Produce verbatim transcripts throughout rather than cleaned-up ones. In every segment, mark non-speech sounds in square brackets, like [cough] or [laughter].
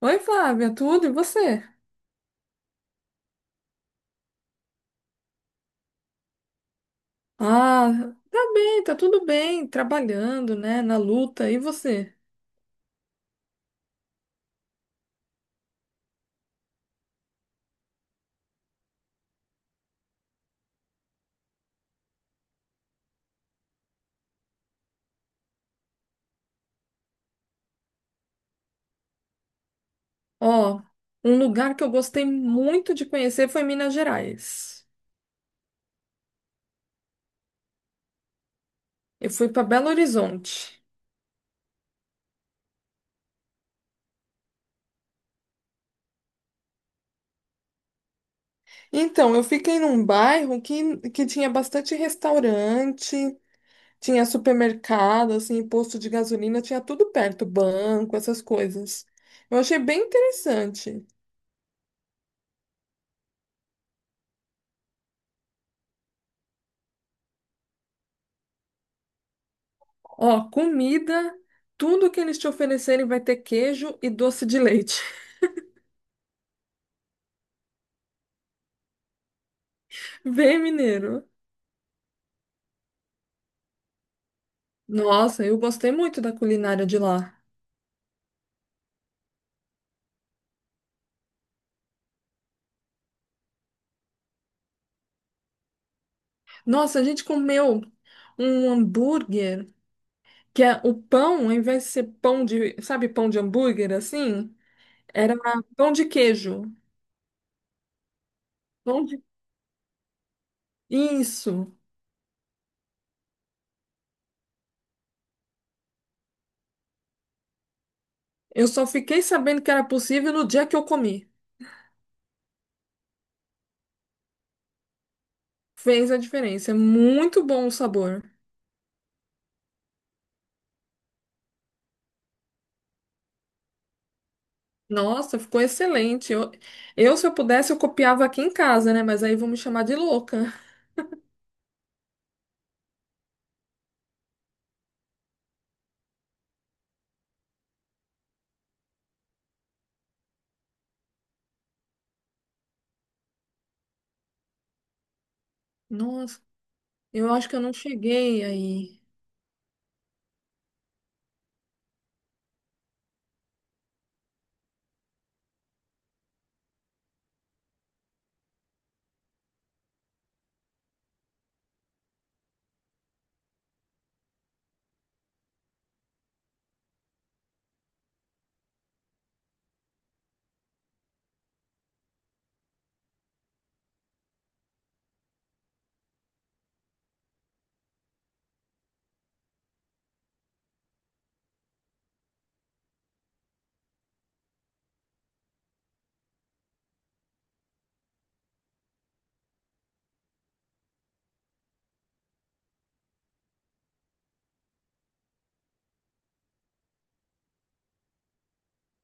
Oi, Flávia, tudo e você? Ah, tá bem, tá tudo bem, trabalhando, né, na luta. E você? Ó, um lugar que eu gostei muito de conhecer foi Minas Gerais. Eu fui para Belo Horizonte. Então, eu fiquei num bairro que, que tinha bastante restaurante, tinha supermercado, assim, posto de gasolina, tinha tudo perto, banco, essas coisas. Eu achei bem interessante. Ó, comida, tudo que eles te oferecerem vai ter queijo e doce de leite. [laughs] Bem mineiro. Nossa, eu gostei muito da culinária de lá. Nossa, a gente comeu um hambúrguer, que é o pão, ao invés de ser pão de, sabe, pão de hambúrguer assim, era pão de queijo. Pão de... Isso. Eu só fiquei sabendo que era possível no dia que eu comi. Fez a diferença. É muito bom o sabor. Nossa, ficou excelente. Eu, eu, se eu pudesse, eu copiava aqui em casa, né? Mas aí vão me chamar de louca. Nossa, eu acho que eu não cheguei aí.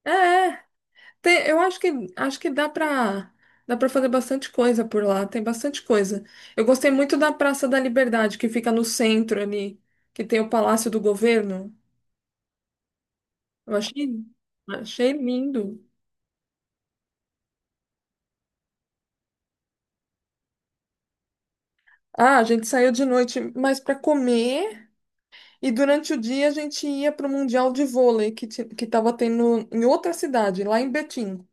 É, é. Tem- eu acho que acho que dá pra dá para fazer bastante coisa por lá. Tem bastante coisa. Eu gostei muito da Praça da Liberdade, que fica no centro ali, que tem o Palácio do Governo. Eu achei achei lindo. Ah, a gente saiu de noite, mas pra comer. E durante o dia a gente ia para o Mundial de Vôlei que ti- que estava tendo em outra cidade, lá em Betim.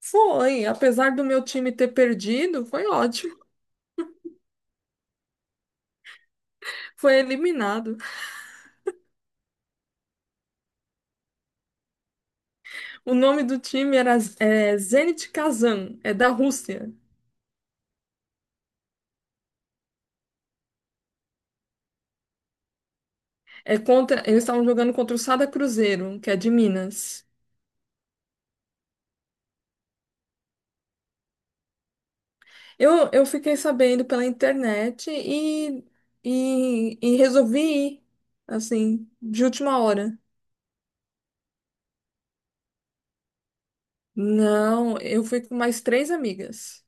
Foi, apesar do meu time ter perdido, foi ótimo, [laughs] foi eliminado. O nome do time era é, Zenit Kazan, é da Rússia. É contra, eles estavam jogando contra o Sada Cruzeiro, que é de Minas. Eu, eu fiquei sabendo pela internet e, e, e resolvi ir, assim, de última hora. Não, eu fui com mais três amigas.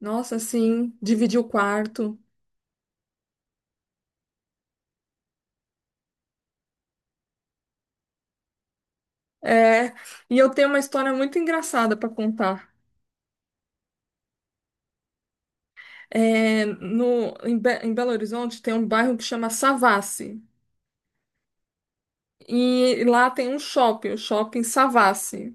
Nossa, sim, dividir o quarto. É, e eu tenho uma história muito engraçada para contar. É, no, em, Be- Em Belo Horizonte tem um bairro que chama Savassi. E lá tem um shopping, o shopping Savassi.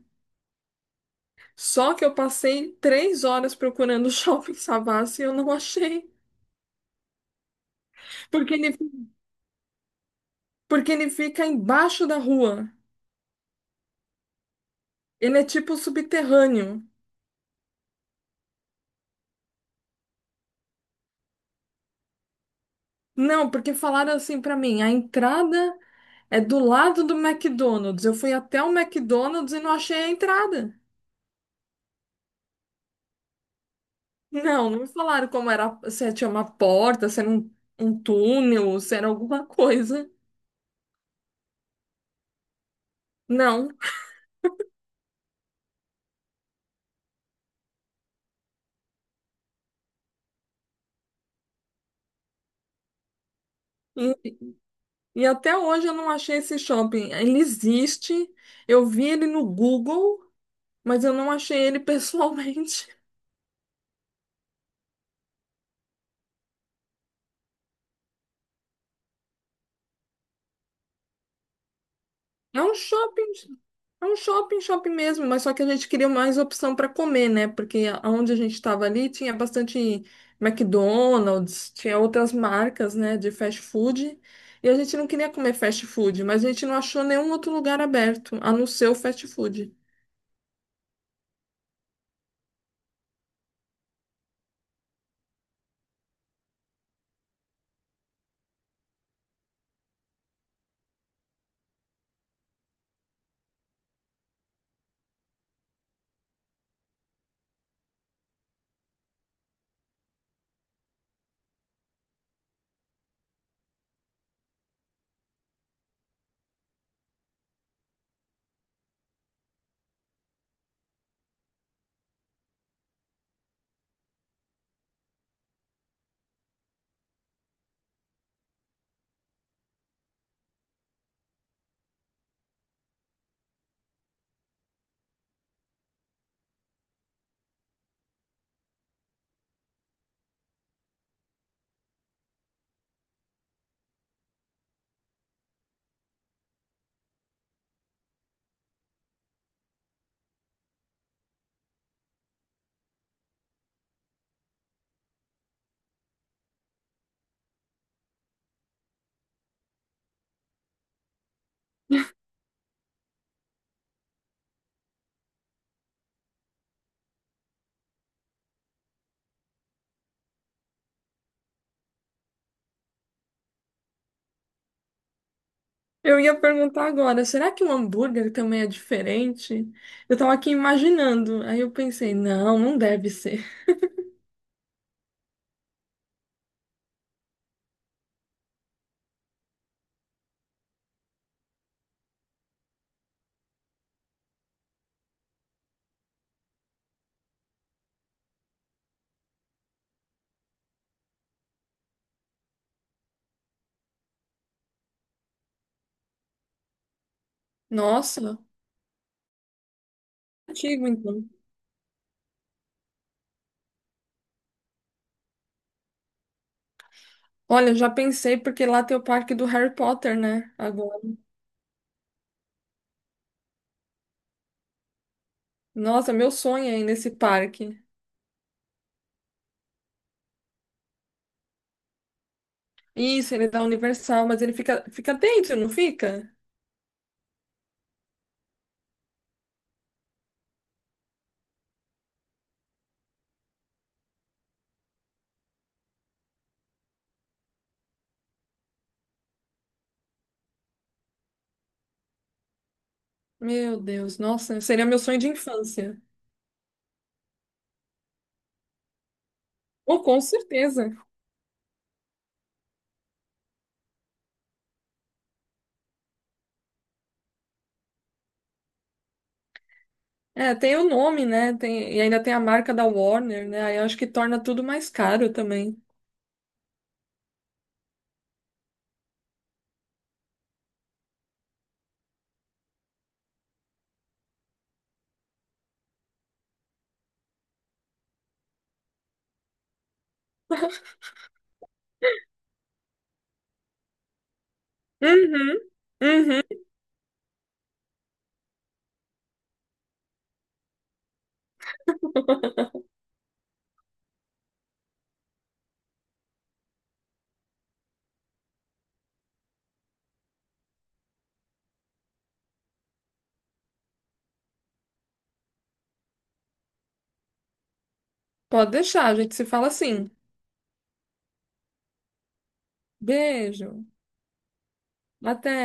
Só que eu passei três horas procurando [laughs] o shopping Savassi e eu não achei. Porque ele, porque ele fica embaixo da rua. Ele é tipo subterrâneo. Não, porque falaram assim para mim, a entrada. É do lado do McDonald's. Eu fui até o McDonald's e não achei a entrada. Não, não me falaram como era, se tinha uma porta, se era um, um túnel, se era alguma [laughs] coisa. Não. E, e até hoje eu não achei esse shopping. Ele existe, eu vi ele no Google, mas eu não achei ele [laughs] pessoalmente. É um shopping, é um shopping, shopping mesmo, mas só que a gente queria mais opção para comer, né? Porque onde a gente estava ali tinha bastante McDonald's, tinha outras marcas, né, de fast food, e a gente não queria comer fast food, mas a gente não achou nenhum outro lugar aberto, a não ser o fast food. Eu ia perguntar agora, será que o hambúrguer também é diferente? Eu tava aqui imaginando, aí eu pensei, não, não deve ser. Nossa, antigo então. Olha, eu já pensei porque lá tem o parque do Harry Potter, né? Agora. Nossa, meu sonho é ir nesse parque. Isso, ele é da Universal, mas ele fica, fica dentro, não fica? Meu Deus, nossa, seria meu sonho de infância. Oh, com certeza. É, tem o nome, né? Tem, e ainda tem a marca da Warner, né? Aí eu acho que torna tudo mais caro também. Uhum, uhum. Pode deixar, a gente se fala assim. Beijo. Até.